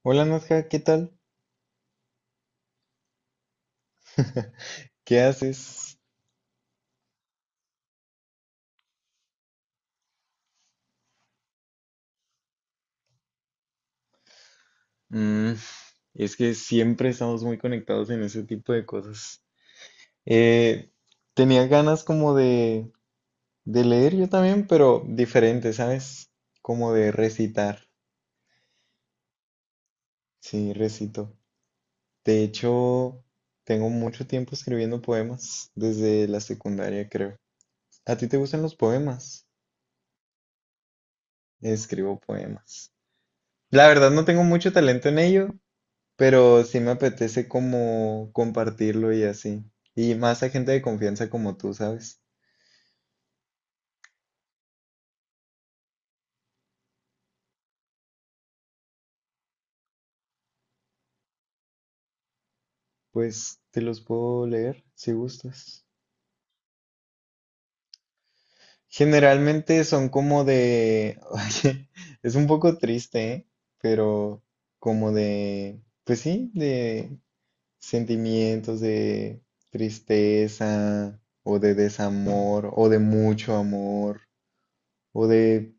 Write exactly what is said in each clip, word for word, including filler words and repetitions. Hola Nadja, ¿qué tal? ¿Qué haces? Mm, es que siempre estamos muy conectados en ese tipo de cosas. Eh, Tenía ganas como de, de leer yo también, pero diferente, ¿sabes? Como de recitar. Sí, recito. De hecho, tengo mucho tiempo escribiendo poemas, desde la secundaria creo. ¿A ti te gustan los poemas? Escribo poemas. La verdad no tengo mucho talento en ello, pero sí me apetece como compartirlo y así. Y más a gente de confianza como tú, ¿sabes? Pues te los puedo leer si gustas. Generalmente son como de, oye, es un poco triste, ¿eh? Pero como de, pues sí, de sentimientos de tristeza o de desamor o de mucho amor o de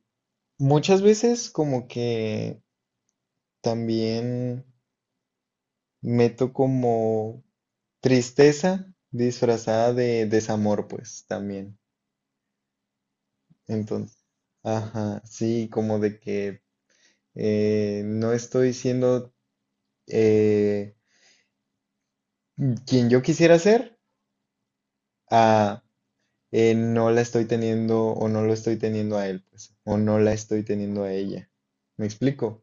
muchas veces como que también meto como tristeza disfrazada de desamor, pues también. Entonces, ajá, sí, como de que eh, no estoy siendo eh, quien yo quisiera ser, a eh, no la estoy teniendo o no lo estoy teniendo a él, pues, o no la estoy teniendo a ella. ¿Me explico?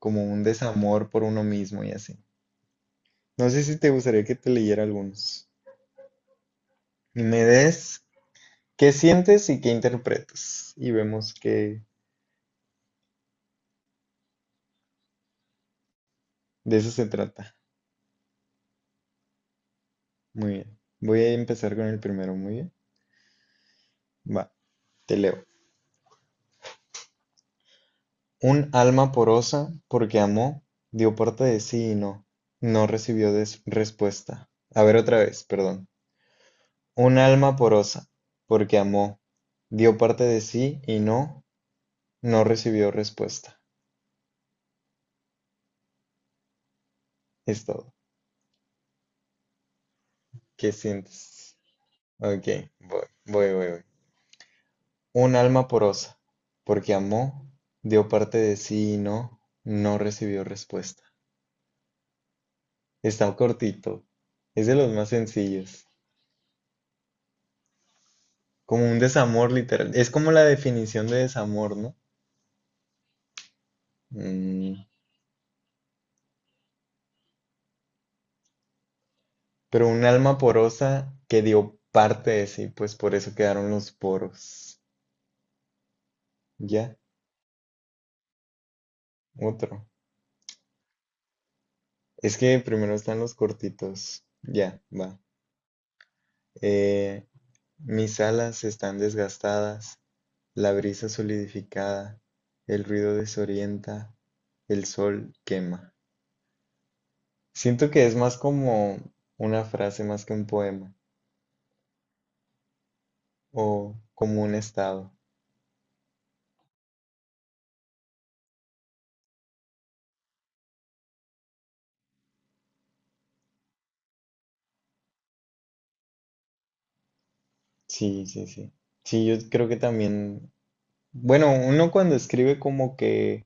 Como un desamor por uno mismo y así. No sé si te gustaría que te leyera algunos. Me des ¿Qué sientes y qué interpretas? Y vemos que de eso se trata. Muy bien. Voy a empezar con el primero, muy bien. Va, te leo. Un alma porosa, porque amó, dio parte de sí y no, no recibió des- respuesta. A ver otra vez, perdón. Un alma porosa, porque amó, dio parte de sí y no, no recibió respuesta. Es todo. ¿Qué sientes? Ok, voy, voy, voy, voy. Un alma porosa, porque amó, dio parte de sí y no, no recibió respuesta. Está cortito, es de los más sencillos, como un desamor literal, es como la definición de desamor, ¿no? Mm, pero un alma porosa que dio parte de sí, pues por eso quedaron los poros. Ya, otro. Es que primero están los cortitos. Ya, va. Eh, mis alas están desgastadas, la brisa solidificada, el ruido desorienta, el sol quema. Siento que es más como una frase más que un poema o como un estado. Sí, sí, sí. Sí, yo creo que también, bueno, uno cuando escribe como que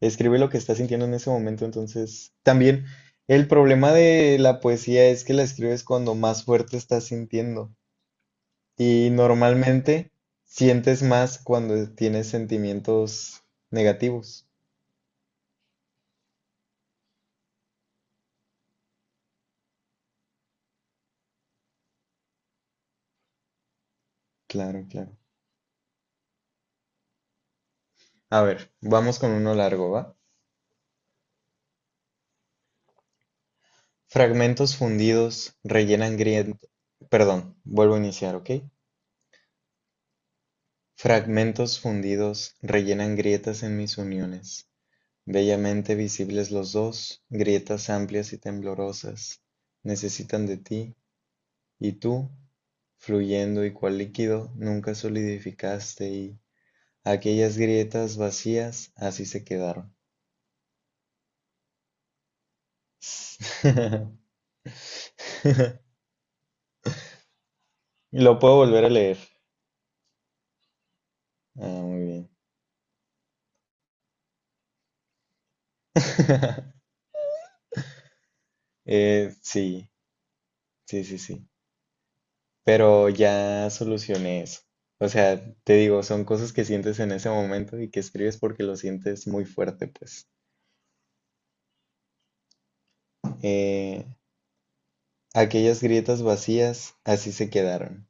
escribe lo que está sintiendo en ese momento, entonces también el problema de la poesía es que la escribes cuando más fuerte estás sintiendo. Y normalmente sientes más cuando tienes sentimientos negativos. Claro, claro. A ver, vamos con uno largo, ¿va? Fragmentos fundidos rellenan grietas. Perdón, vuelvo a iniciar, ¿ok? Fragmentos fundidos rellenan grietas en mis uniones. Bellamente visibles los dos, grietas amplias y temblorosas. Necesitan de ti, y tú, fluyendo y cual líquido, nunca solidificaste y aquellas grietas vacías así se quedaron. Lo puedo volver a leer. Ah, muy bien. Eh, sí, sí, sí, sí. Pero ya solucioné eso. O sea, te digo, son cosas que sientes en ese momento y que escribes porque lo sientes muy fuerte, pues. Eh, aquellas grietas vacías así se quedaron.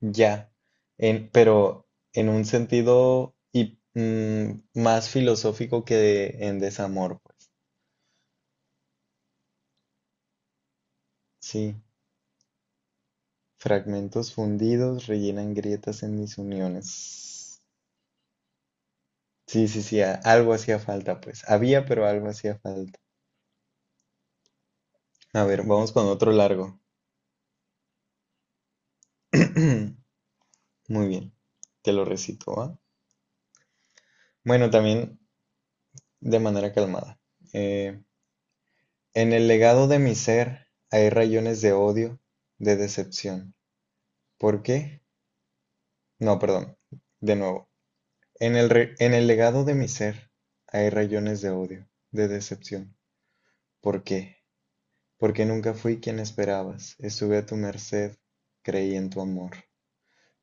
Ya, en, pero en un sentido y, mm, más filosófico que de- en desamor, pues. Sí, fragmentos fundidos rellenan grietas en mis uniones. Sí, sí, sí, a- algo hacía falta, pues. Había, pero algo hacía falta. A ver, vamos con otro largo. Muy bien, te lo recito, ¿va? Bueno, también de manera calmada. Eh, en el legado de mi ser hay rayones de odio, de decepción. ¿Por qué? No, perdón. De nuevo. En el, re- en el legado de mi ser hay rayones de odio, de decepción. ¿Por qué? Porque nunca fui quien esperabas. Estuve a tu merced, creí en tu amor.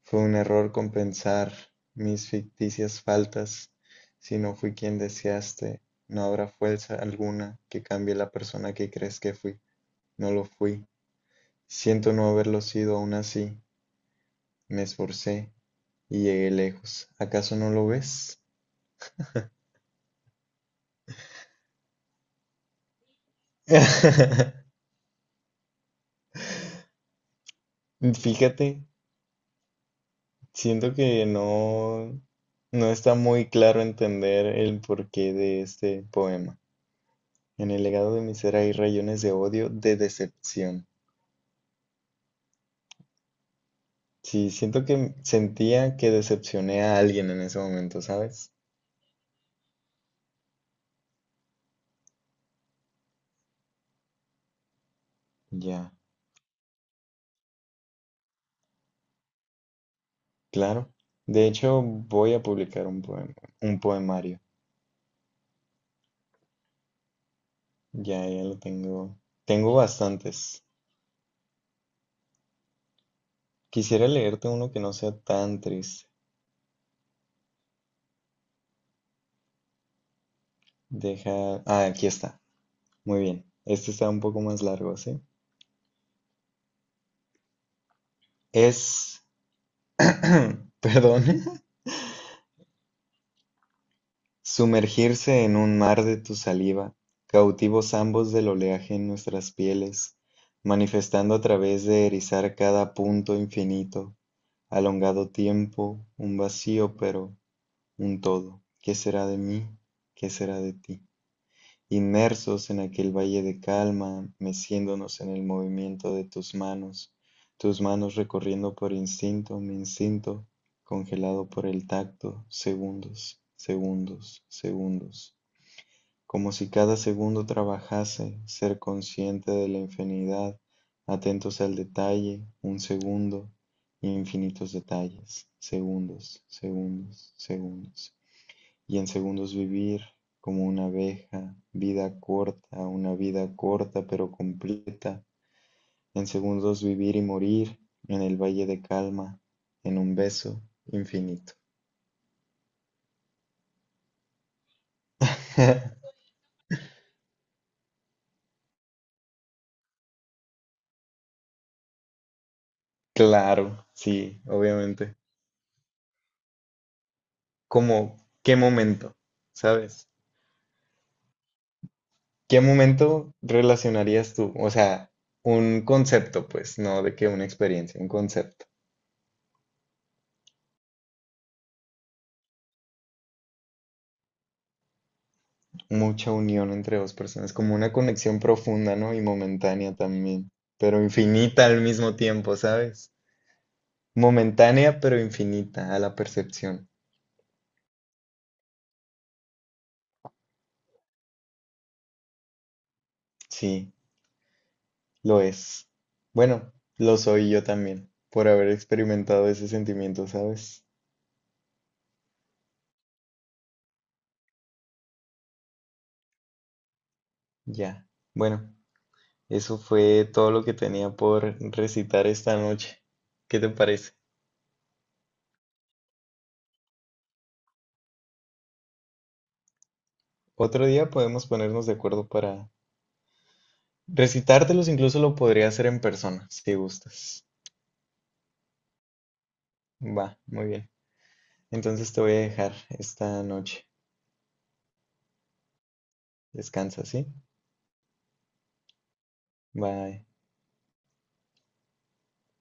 Fue un error compensar mis ficticias faltas. Si no fui quien deseaste, no habrá fuerza alguna que cambie la persona que crees que fui. No lo fui. Siento no haberlo sido aún así. Me esforcé y llegué lejos. ¿Acaso no lo ves? Fíjate, siento que no, no está muy claro entender el porqué de este poema. En el legado de mi ser hay rayones de odio, de decepción. Sí, siento que m- sentía que decepcioné a alguien en ese momento, ¿sabes? Ya, claro. De hecho, voy a publicar un poema, un poemario. Ya, ya lo tengo. Tengo bastantes. Quisiera leerte uno que no sea tan triste. Deja. Ah, aquí está. Muy bien. Este está un poco más largo, ¿sí? Es, perdón, sumergirse en un mar de tu saliva, cautivos ambos del oleaje en nuestras pieles, manifestando a través de erizar cada punto infinito, alongado tiempo, un vacío, pero un todo. ¿Qué será de mí? ¿Qué será de ti? Inmersos en aquel valle de calma, meciéndonos en el movimiento de tus manos, tus manos recorriendo por instinto, mi instinto, congelado por el tacto, segundos, segundos, segundos, como si cada segundo trabajase, ser consciente de la infinidad, atentos al detalle, un segundo, infinitos detalles, segundos, segundos, segundos y en segundos vivir como una abeja, vida corta, una vida corta pero completa, en segundos vivir y morir en el valle de calma, en un beso infinito. Claro, sí, obviamente. Como, ¿qué momento? ¿Sabes? ¿Qué momento relacionarías tú? O sea, un concepto, pues, no de que una experiencia, un concepto. Mucha unión entre dos personas, como una conexión profunda, ¿no? Y momentánea también, pero infinita al mismo tiempo, ¿sabes? Momentánea, pero infinita a la percepción. Sí, lo es. Bueno, lo soy yo también, por haber experimentado ese sentimiento, ¿sabes? Ya. Bueno, eso fue todo lo que tenía por recitar esta noche. ¿Qué te parece? Otro día podemos ponernos de acuerdo para recitártelos, incluso lo podría hacer en persona, si gustas. Va, muy bien. Entonces te voy a dejar esta noche. Descansa, ¿sí? Bye.